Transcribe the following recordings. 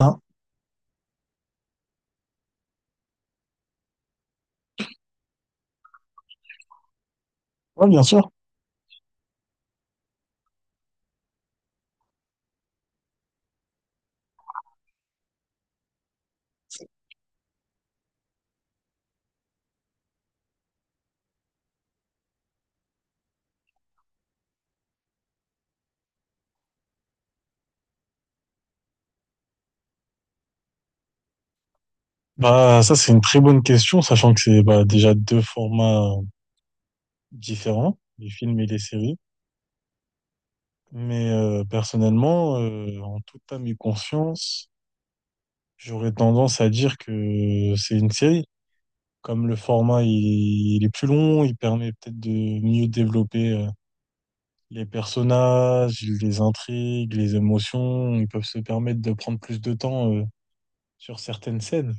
Hein, ouais, bien sûr. Bah, ça, c'est une très bonne question, sachant que c'est bah, déjà deux formats différents, les films et les séries. Mais personnellement, en toute âme et conscience, j'aurais tendance à dire que c'est une série. Comme le format, il est plus long, il permet peut-être de mieux développer les personnages, les intrigues, les émotions. Ils peuvent se permettre de prendre plus de temps sur certaines scènes.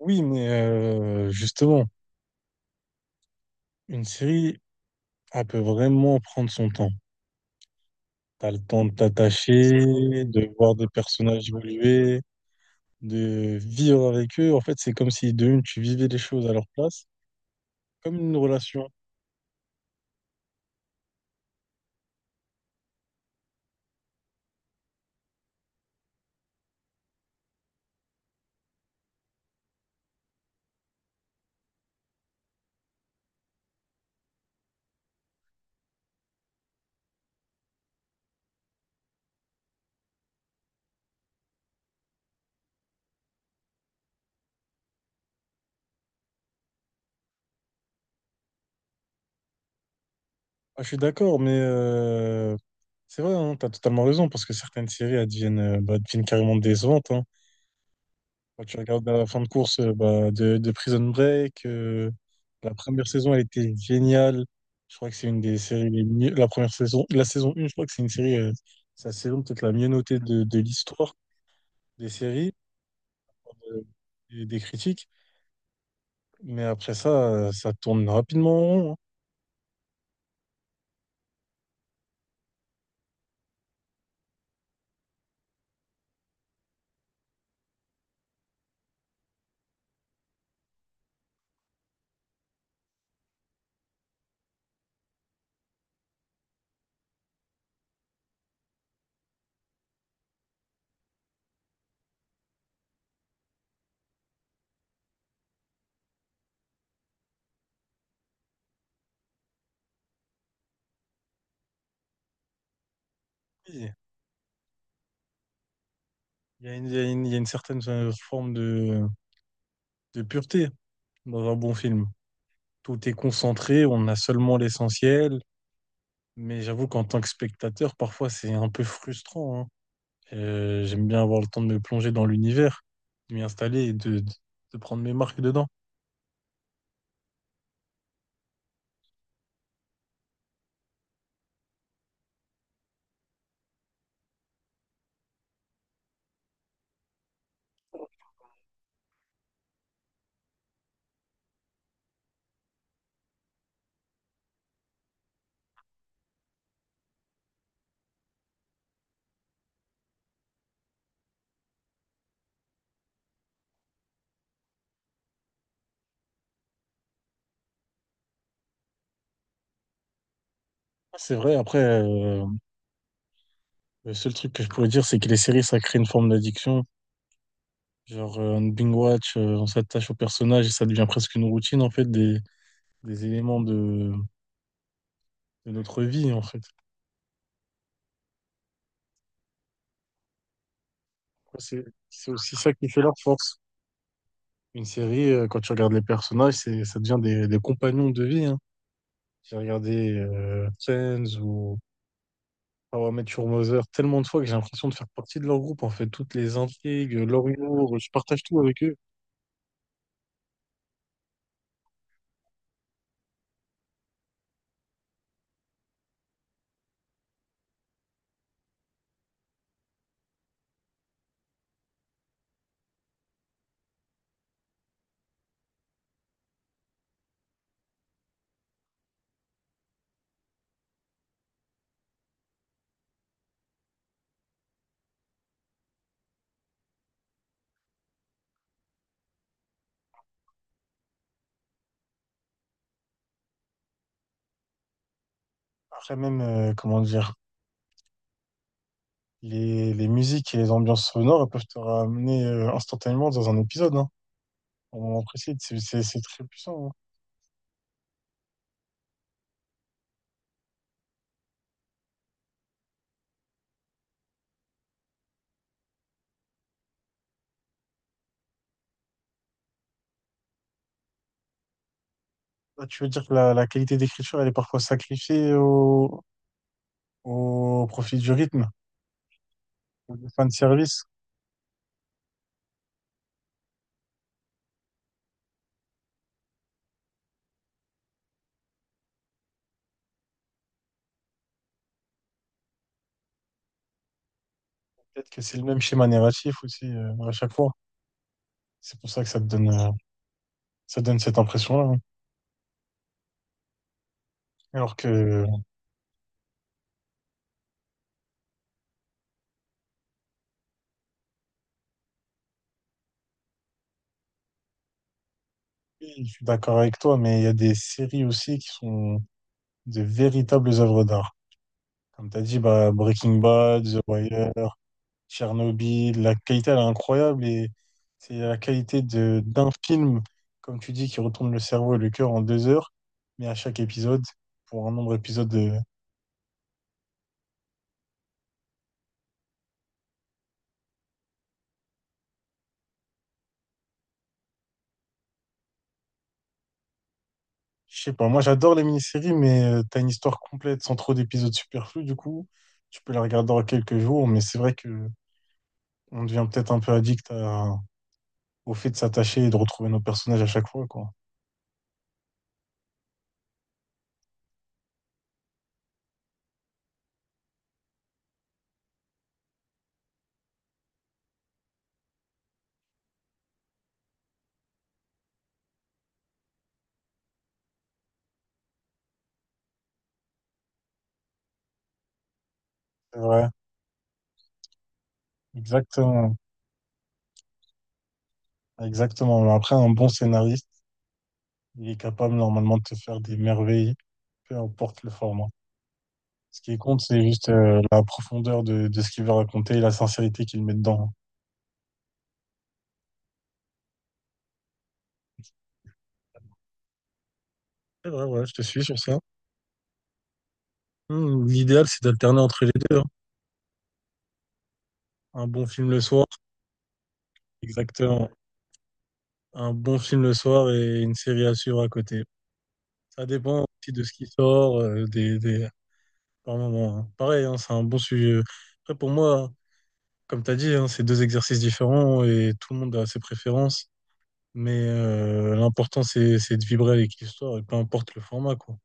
Oui, mais justement, une série on peut vraiment prendre son temps. T'as le temps de t'attacher, de voir des personnages évoluer, de vivre avec eux. En fait, c'est comme si de une, tu vivais les choses à leur place, comme une relation. Ah, je suis d'accord, mais c'est vrai, hein, t'as totalement raison, parce que certaines séries, elles deviennent, bah, deviennent carrément décevantes, hein. Quand tu regardes la fin de course bah, de Prison Break, la première saison, elle était géniale. Je crois que c'est une des séries les mieux. La première saison, la saison 1, je crois que c'est une série, c'est la saison peut-être la mieux notée de l'histoire des séries, euh, et des critiques. Mais après ça, ça tourne rapidement en rond, hein. Oui, il y a une, il y a une certaine forme de pureté dans un bon film. Tout est concentré, on a seulement l'essentiel. Mais j'avoue qu'en tant que spectateur, parfois c'est un peu frustrant, hein. J'aime bien avoir le temps de me plonger dans l'univers, de m'y installer et de prendre mes marques dedans. C'est vrai, après, le seul truc que je pourrais dire, c'est que les séries, ça crée une forme d'addiction. Genre, on binge-watch, on s'attache au personnage et ça devient presque une routine, en fait, des éléments de notre vie, en fait. Après, c'est aussi ça qui fait leur force. Une série, quand tu regardes les personnages, c'est, ça devient des compagnons de vie, hein. J'ai regardé Friends ou ah ouais, Mathieu Mother, tellement de fois que j'ai l'impression de faire partie de leur groupe, en fait. Toutes les intrigues, leur humour, je partage tout avec eux. Après même, comment dire, les musiques et les ambiances sonores elles peuvent te ramener instantanément dans un épisode, hein, au moment précis. C'est très puissant, hein. Là, tu veux dire que la qualité d'écriture, elle est parfois sacrifiée au, au profit du rythme, ou du fanservice. Peut-être que c'est le même schéma narratif aussi à chaque fois. C'est pour ça que ça te donne, ça donne cette impression-là, hein. Alors que, oui, je suis d'accord avec toi, mais il y a des séries aussi qui sont de véritables œuvres d'art. Comme tu as dit, bah, Breaking Bad, The Wire, Tchernobyl, la qualité, elle est incroyable et c'est la qualité d'un film, comme tu dis, qui retourne le cerveau et le cœur en 2 heures, mais à chaque épisode, pour un nombre d'épisodes je sais pas, moi j'adore les mini-séries, mais t'as une histoire complète sans trop d'épisodes superflus, du coup, tu peux la regarder en quelques jours, mais c'est vrai que on devient peut-être un peu addict à- au fait de s'attacher et de retrouver nos personnages à chaque fois, quoi. C'est vrai, exactement, exactement. Mais après, un bon scénariste, il est capable normalement de te faire des merveilles, peu importe le format. Ce qui compte, c'est juste la profondeur de ce qu'il veut raconter et la sincérité qu'il met dedans. C'est vrai, ouais, je te suis sur ça. Hmm, l'idéal, c'est d'alterner entre les deux, hein. Un bon film le soir exactement. Un bon film le soir et une série à suivre à côté. Ça dépend aussi de ce qui sort, des... par moment, hein. Pareil, hein, c'est un bon sujet. Après, pour moi, comme tu as dit, hein, c'est deux exercices différents et tout le monde a ses préférences. Mais l'important, c'est de vibrer avec l'histoire et peu importe le format, quoi.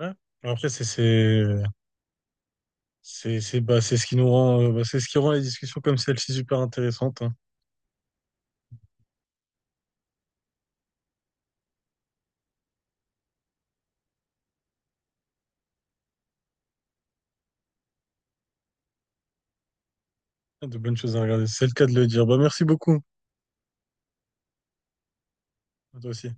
Ouais. Après, c'est, bah, c'est ce qui nous rend, bah, c'est ce qui rend les discussions comme celle-ci super intéressantes, hein. De bonnes choses à regarder. C'est le cas de le dire. Bah, merci beaucoup. À toi aussi.